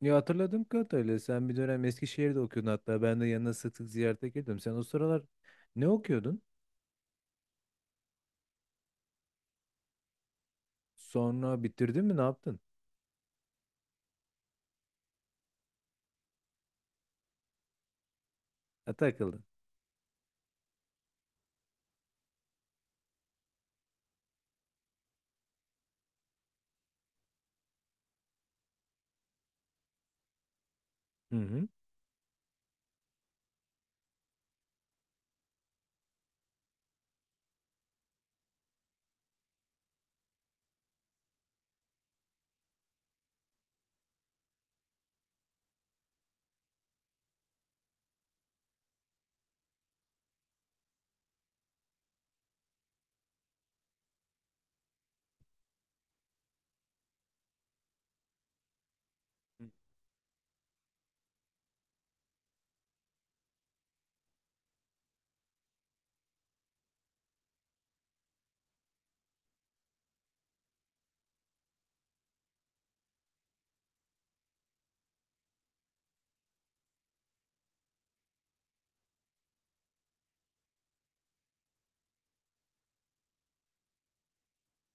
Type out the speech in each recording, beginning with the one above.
Ya hatırladığım kadarıyla sen bir dönem Eskişehir'de okuyordun, hatta ben de yanına sık sık ziyarete geliyordum. Sen o sıralar ne okuyordun? Sonra bitirdin mi, ne yaptın? Ha, takıldın. Hı hı.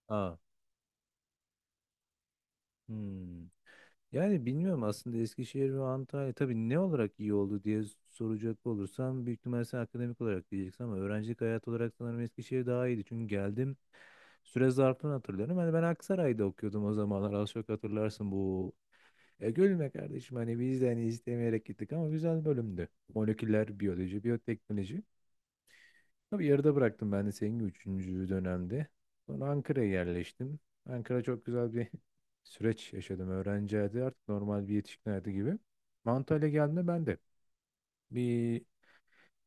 Aa. Hmm. Yani bilmiyorum aslında, Eskişehir ve Antalya tabii ne olarak iyi oldu diye soracak olursam büyük ihtimalle sen akademik olarak diyeceksin, ama öğrencilik hayatı olarak sanırım Eskişehir daha iyiydi. Çünkü geldim, süre zarfını hatırlıyorum. Hani ben Aksaray'da okuyordum o zamanlar, az çok hatırlarsın bu. Ya gülme kardeşim, hani biz de hani istemeyerek gittik ama güzel bölümdü. Moleküler biyoloji, biyoteknoloji. Tabii yarıda bıraktım ben de senin gibi üçüncü dönemde. Sonra Ankara'ya yerleştim. Ankara çok güzel bir süreç yaşadım. Öğrenci hayatı artık normal bir yetişkin hayatı gibi. Antalya geldiğimde ben de bir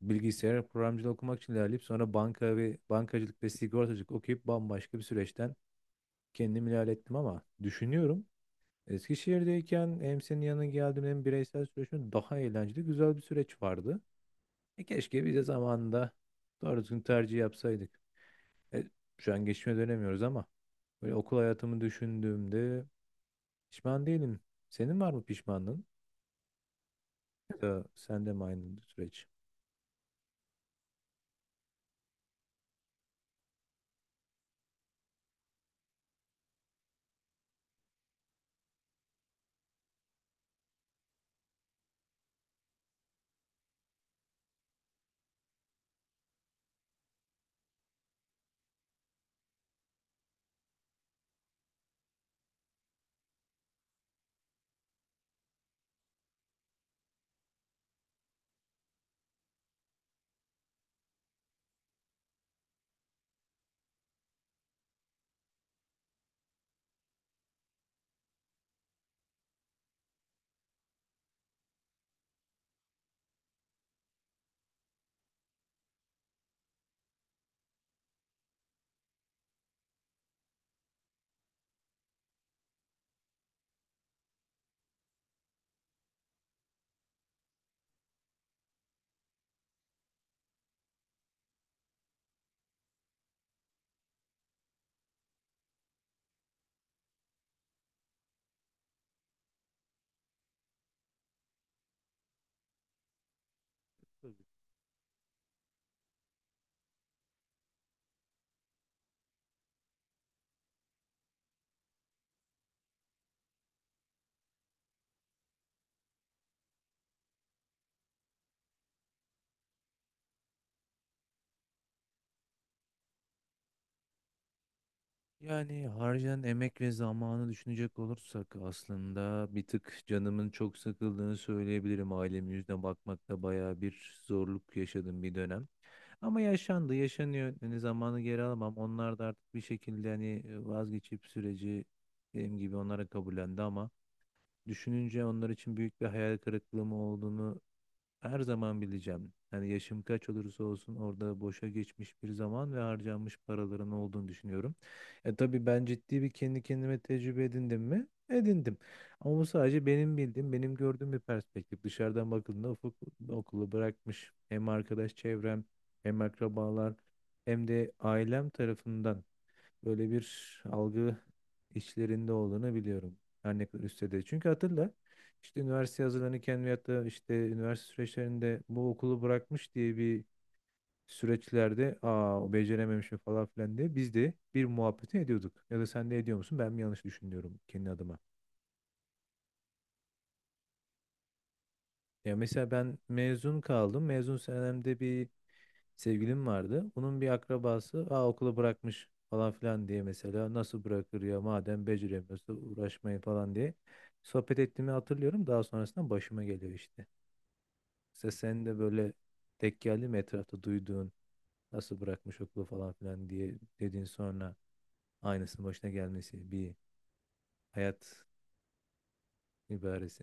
bilgisayar programcılığı okumak için ilerleyip sonra banka ve bankacılık ve sigortacılık okuyup bambaşka bir süreçten kendimi ilerlettim, ama düşünüyorum, Eskişehir'deyken hem senin yanına geldim hem bireysel süreçin daha eğlenceli, güzel bir süreç vardı. E keşke biz de zamanında doğru düzgün tercih yapsaydık. E, şu an geçmişe dönemiyoruz ama böyle okul hayatımı düşündüğümde pişman değilim. Senin var mı pişmanlığın? Ya da sende mi aynı süreç? Yani harcayan emek ve zamanı düşünecek olursak aslında bir tık canımın çok sıkıldığını söyleyebilirim. Ailemin yüzüne bakmakta bayağı bir zorluk yaşadım bir dönem. Ama yaşandı, yaşanıyor. Hani zamanı geri alamam. Onlar da artık bir şekilde hani vazgeçip süreci benim gibi onlara kabullendi, ama düşününce onlar için büyük bir hayal kırıklığı mı olduğunu her zaman bileceğim. Yani yaşım kaç olursa olsun orada boşa geçmiş bir zaman ve harcanmış paraların olduğunu düşünüyorum. E tabii ben ciddi bir kendi kendime tecrübe edindim mi? Edindim. Ama bu sadece benim bildiğim, benim gördüğüm bir perspektif. Dışarıdan bakıldığında ufuk okulu bırakmış. Hem arkadaş çevrem, hem akrabalar, hem de ailem tarafından böyle bir algı içlerinde olduğunu biliyorum. Her ne kadar üstte de. Çünkü hatırla, işte üniversite hazırlanırken veyahut da işte üniversite süreçlerinde bu okulu bırakmış diye bir süreçlerde, aa o becerememişim falan filan diye biz de bir muhabbeti ediyorduk. Ya da sen de ediyor musun? Ben mi yanlış düşünüyorum kendi adıma? Ya mesela ben mezun kaldım. Mezun senemde bir sevgilim vardı. Bunun bir akrabası aa, okulu bırakmış falan filan diye, mesela nasıl bırakır ya, madem beceremiyorsa uğraşmayın falan diye sohbet ettiğimi hatırlıyorum. Daha sonrasında başıma geliyor işte. Mesela sen de böyle tek geldi mi etrafta duyduğun nasıl bırakmış okulu falan filan diye dediğin, sonra aynısının başına gelmesi bir hayat ibaresi.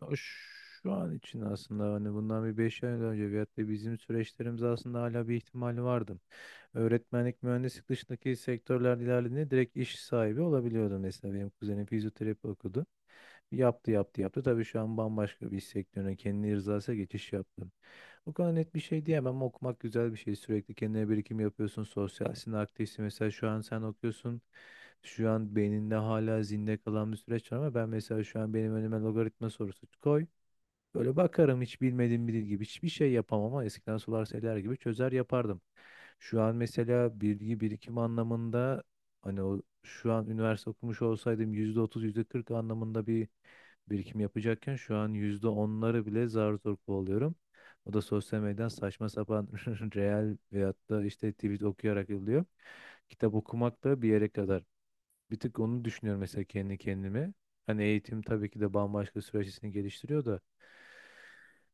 O Şu an için aslında hani bundan bir 5 ay önce veyahut da bizim süreçlerimiz aslında hala bir ihtimali vardı. Öğretmenlik, mühendislik dışındaki sektörler ilerlediğinde direkt iş sahibi olabiliyordu. Mesela benim kuzenim fizyoterapi okudu. Yaptı, yaptı, yaptı. Tabii şu an bambaşka bir iş sektörüne kendi rızasıyla geçiş yaptı. O kadar net bir şey diyemem ama okumak güzel bir şey. Sürekli kendine birikim yapıyorsun. Sosyalsin, aktifsin. Mesela şu an sen okuyorsun. Şu an beyninde hala zinde kalan bir süreç var, ama ben mesela şu an benim önüme logaritma sorusu koy. Böyle bakarım hiç bilmediğim biri gibi, hiçbir şey yapamam, ama eskiden sular seller gibi çözer yapardım. Şu an mesela bilgi birikim anlamında, hani o şu an üniversite okumuş olsaydım %30 yüzde kırk anlamında bir birikim yapacakken, şu an yüzde onları bile zar zor kovalıyorum. O da sosyal medyadan saçma sapan reel veyahut da işte tweet okuyarak oluyor. Kitap okumak da bir yere kadar. Bir tık onu düşünüyorum mesela kendi kendime. Hani eğitim tabii ki de bambaşka süreçlerini geliştiriyor da,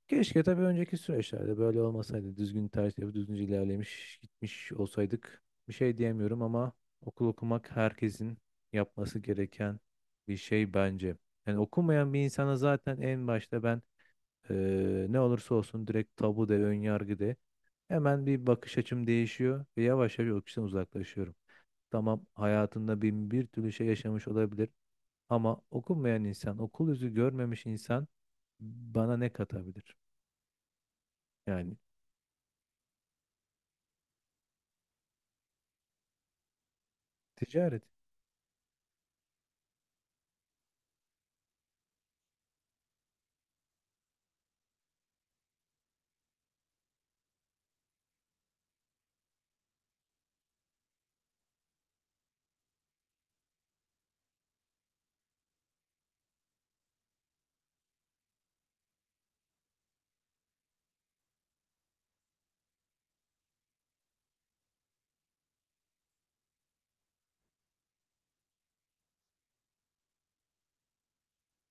keşke tabii önceki süreçlerde böyle olmasaydı. Düzgün tercih yapıp düzgünce ilerlemiş gitmiş olsaydık. Bir şey diyemiyorum, ama okul okumak herkesin yapması gereken bir şey bence. Yani okumayan bir insana zaten en başta ben ne olursa olsun direkt tabu de, ön yargı de. Hemen bir bakış açım değişiyor ve yavaş yavaş o kişiden uzaklaşıyorum. Tamam, hayatında bin bir türlü şey yaşamış olabilir ama okumayan insan, okul yüzü görmemiş insan bana ne katabilir? Yani Ticaret.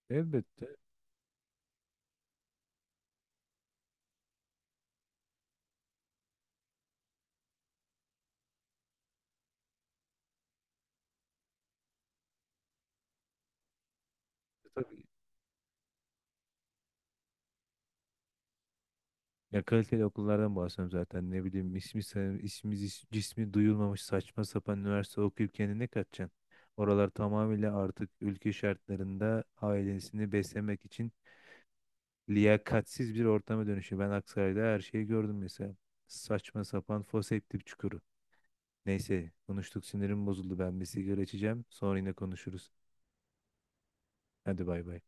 Elbette. Tabii. Ya kaliteli okullardan bahsediyorum zaten. Ne bileyim, ismi, ismi cismi duyulmamış saçma sapan üniversite okuyup kendine ne katacaksın? Oralar tamamıyla artık ülke şartlarında ailesini beslemek için liyakatsiz bir ortama dönüşüyor. Ben Aksaray'da her şeyi gördüm mesela. Saçma sapan foseptik çukuru. Neyse, konuştuk, sinirim bozuldu. Ben bir sigara içeceğim. Sonra yine konuşuruz. Hadi bay bay.